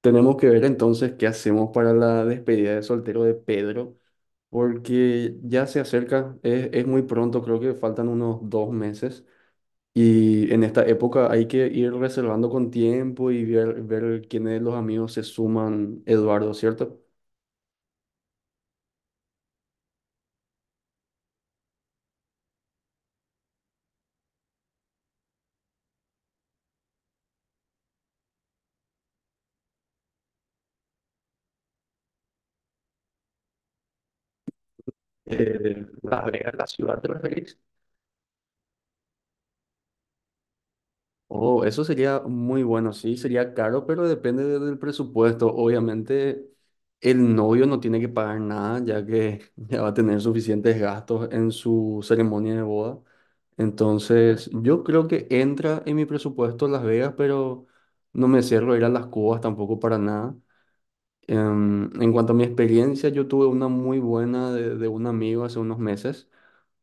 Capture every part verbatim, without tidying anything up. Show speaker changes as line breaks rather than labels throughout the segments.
Tenemos que ver entonces qué hacemos para la despedida de soltero de Pedro, porque ya se acerca, es, es muy pronto, creo que faltan unos dos meses y en esta época hay que ir reservando con tiempo y ver, ver quiénes de los amigos se suman, Eduardo, ¿cierto? Eh, Las Vegas, la ciudad, ¿te referís? Oh, eso sería muy bueno, sí, sería caro, pero depende de- del presupuesto. Obviamente, el novio no tiene que pagar nada, ya que ya va a tener suficientes gastos en su ceremonia de boda. Entonces, yo creo que entra en mi presupuesto Las Vegas, pero no me cierro a ir a las Cubas tampoco para nada. Em, en cuanto a mi experiencia, yo tuve una muy buena de, de un amigo hace unos meses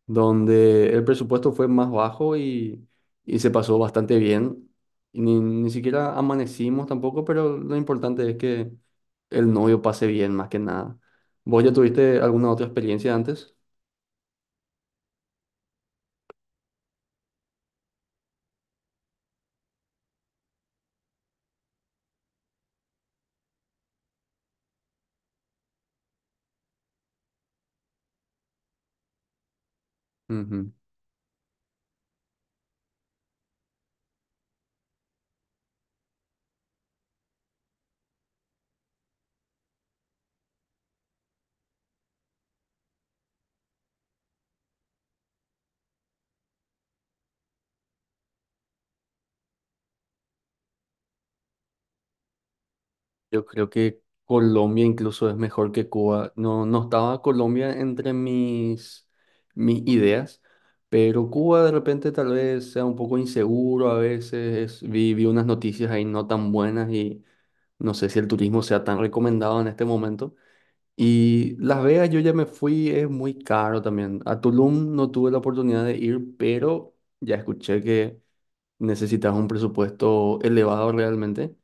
donde el presupuesto fue más bajo y, y se pasó bastante bien. Y ni, ni siquiera amanecimos tampoco, pero lo importante es que el novio pase bien, más que nada. ¿Vos ya tuviste alguna otra experiencia antes? Ujú. Yo creo que Colombia incluso es mejor que Cuba. No, no estaba Colombia entre mis, mis ideas, pero Cuba de repente tal vez sea un poco inseguro a veces. Vi, vi unas noticias ahí no tan buenas y no sé si el turismo sea tan recomendado en este momento. Y Las Vegas yo ya me fui, es muy caro también. A Tulum no tuve la oportunidad de ir, pero ya escuché que necesitas un presupuesto elevado realmente.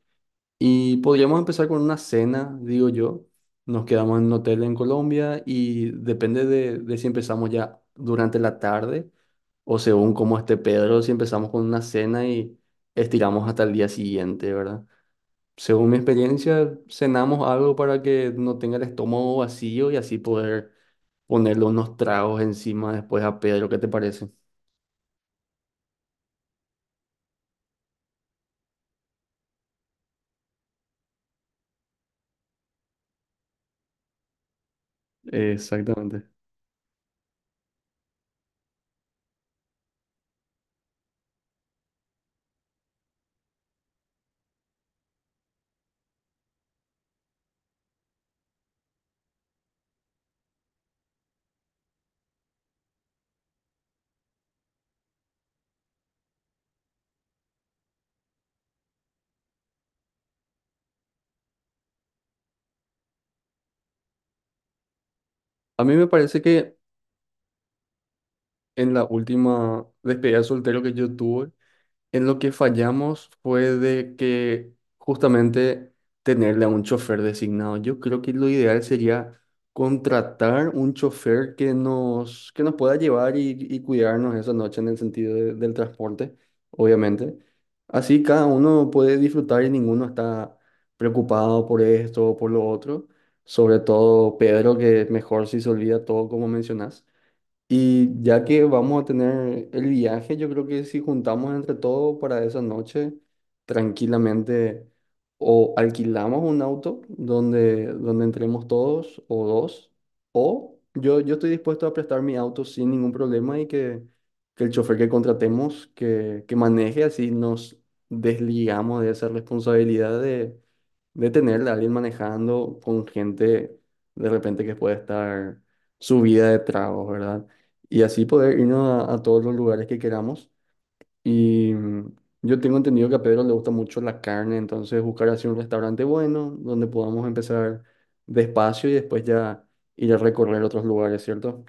Y podríamos empezar con una cena, digo yo. Nos quedamos en un hotel en Colombia y depende de, de si empezamos ya durante la tarde o según cómo esté Pedro, si empezamos con una cena y estiramos hasta el día siguiente, ¿verdad? Según mi experiencia, cenamos algo para que no tenga el estómago vacío y así poder ponerle unos tragos encima después a Pedro. ¿Qué te parece? Exactamente. A mí me parece que en la última despedida de soltero que yo tuve, en lo que fallamos fue de que justamente tenerle a un chofer designado. Yo creo que lo ideal sería contratar un chofer que nos, que nos pueda llevar y, y cuidarnos esa noche en el sentido de- del transporte, obviamente. Así cada uno puede disfrutar y ninguno está preocupado por esto o por lo otro. Sobre todo Pedro, que mejor si se olvida todo como mencionas. Y ya que vamos a tener el viaje, yo creo que si juntamos entre todos para esa noche, tranquilamente o alquilamos un auto donde, donde entremos todos o dos, o yo, yo estoy dispuesto a prestar mi auto sin ningún problema y que, que el chofer que contratemos que, que maneje, así nos desligamos de esa responsabilidad de, de tener a alguien manejando con gente de repente que puede estar subida de tragos, ¿verdad? Y así poder irnos a, a todos los lugares que queramos. Y mm, yo tengo entendido que a Pedro le gusta mucho la carne, entonces buscar así un restaurante bueno donde podamos empezar despacio y después ya ir a recorrer otros lugares, ¿cierto?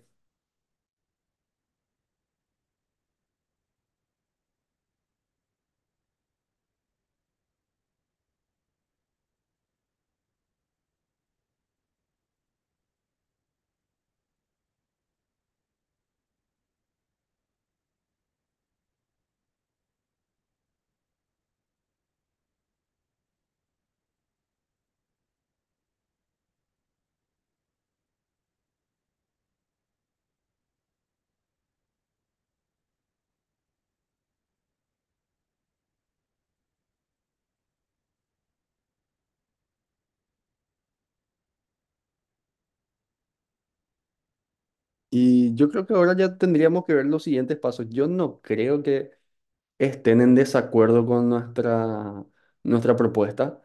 Y yo creo que ahora ya tendríamos que ver los siguientes pasos. Yo no creo que estén en desacuerdo con nuestra, nuestra propuesta.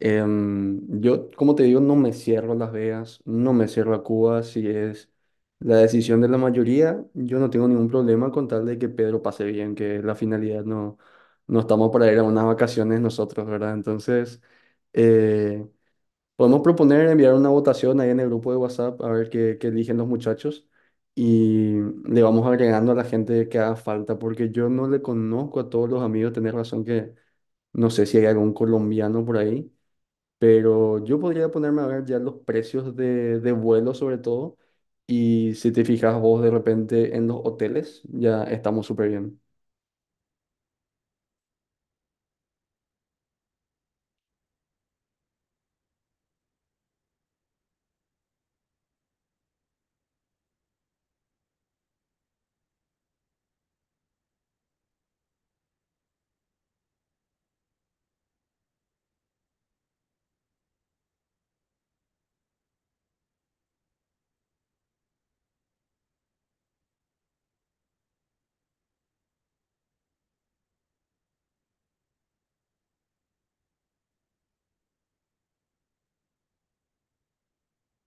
Em, yo, como te digo, no me cierro a Las Vegas, no me cierro a Cuba, si es la decisión de la mayoría, yo no tengo ningún problema con tal de que Pedro pase bien, que es la finalidad, no, no estamos para ir a unas vacaciones nosotros, ¿verdad? Entonces, eh, podemos proponer enviar una votación ahí en el grupo de WhatsApp a ver qué, qué eligen los muchachos y le vamos agregando a la gente que haga falta, porque yo no le conozco a todos los amigos, tenés razón que no sé si hay algún colombiano por ahí, pero yo podría ponerme a ver ya los precios de, de vuelo sobre todo y si te fijas vos de repente en los hoteles, ya estamos súper bien.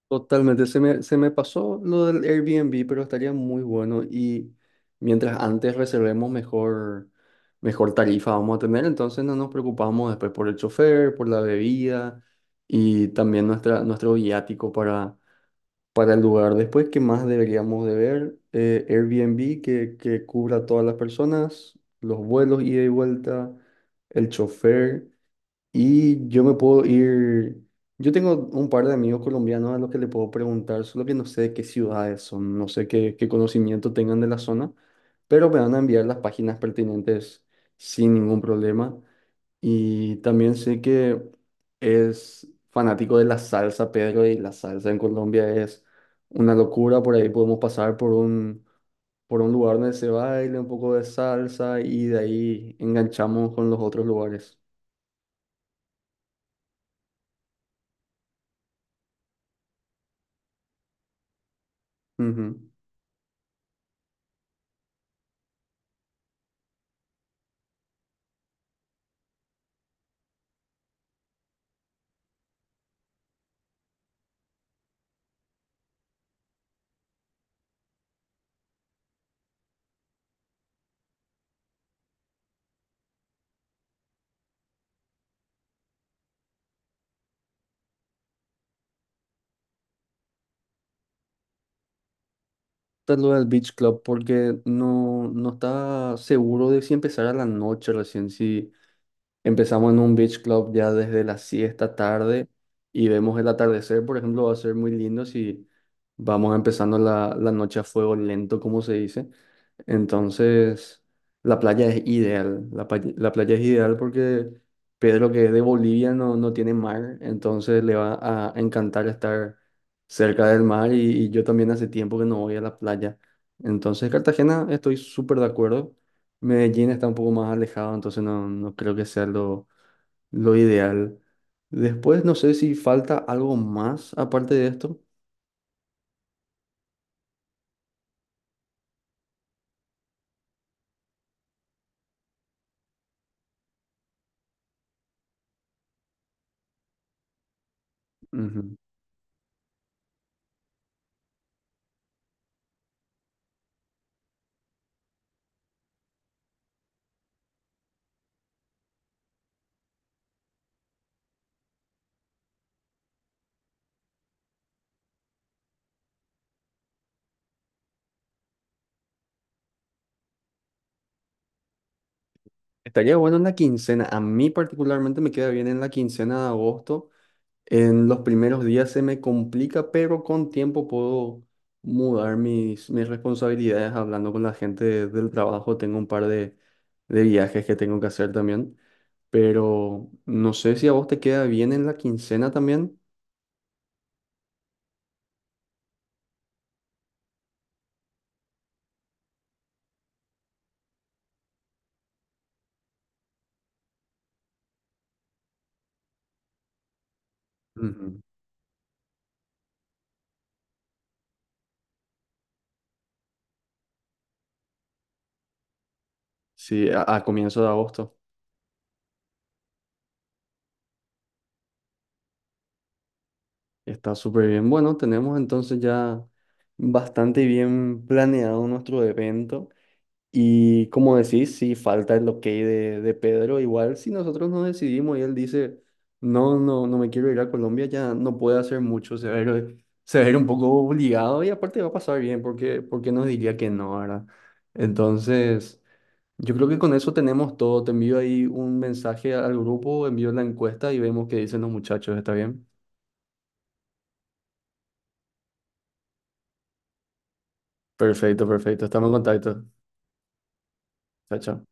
Totalmente, se me, se me pasó lo del Airbnb, pero estaría muy bueno y mientras antes reservemos mejor, mejor tarifa vamos a tener, entonces no nos preocupamos después por el chofer, por la bebida y también nuestra, nuestro viático para, para el lugar. Después, ¿qué más deberíamos de ver? Eh, Airbnb que, que cubra a todas las personas, los vuelos ida y vuelta, el chofer. Y yo me puedo ir, yo tengo un par de amigos colombianos a los que le puedo preguntar, solo que no sé de qué ciudades son, no sé qué, qué conocimiento tengan de la zona, pero me van a enviar las páginas pertinentes sin ningún problema. Y también sé que es fanático de la salsa, Pedro, y la salsa en Colombia es una locura, por ahí podemos pasar por un, por un lugar donde se baile un poco de salsa y de ahí enganchamos con los otros lugares. Ujú. Tal lo del Beach Club porque no, no estaba seguro de si empezar a la noche recién, si empezamos en un beach club ya desde las siesta tarde y vemos el atardecer, por ejemplo, va a ser muy lindo si vamos empezando la, la noche a fuego lento, como se dice. Entonces, la playa es ideal. La, pa- la playa es ideal porque Pedro, que es de Bolivia, no, no tiene mar, entonces le va a encantar estar cerca del mar y, y yo también hace tiempo que no voy a la playa. Entonces, Cartagena, estoy súper de acuerdo. Medellín está un poco más alejado, entonces no, no creo que sea lo, lo ideal. Después no sé si falta algo más aparte de esto. Ujú. Estaría bueno en la quincena. A mí particularmente me queda bien en la quincena de agosto. En los primeros días se me complica, pero con tiempo puedo mudar mis, mis responsabilidades hablando con la gente de- del trabajo. Tengo un par de, de viajes que tengo que hacer también, pero no sé si a vos te queda bien en la quincena también. Ujú. Sí, a, a comienzo de agosto. Está súper bien. Bueno, tenemos entonces ya bastante bien planeado nuestro evento. Y como decís, sí, falta el ok de, de Pedro. Igual, si nosotros no decidimos y él dice, no, no, no me quiero ir a Colombia, ya no puede hacer mucho. Se va a ir, se va a ir un poco obligado y aparte va a pasar bien porque, porque nos diría que no, ¿verdad? Entonces... Yo creo que con eso tenemos todo. Te envío ahí un mensaje al grupo, envío la encuesta y vemos qué dicen los muchachos. ¿Está bien? Perfecto, perfecto. Estamos en contacto. Chao, chao.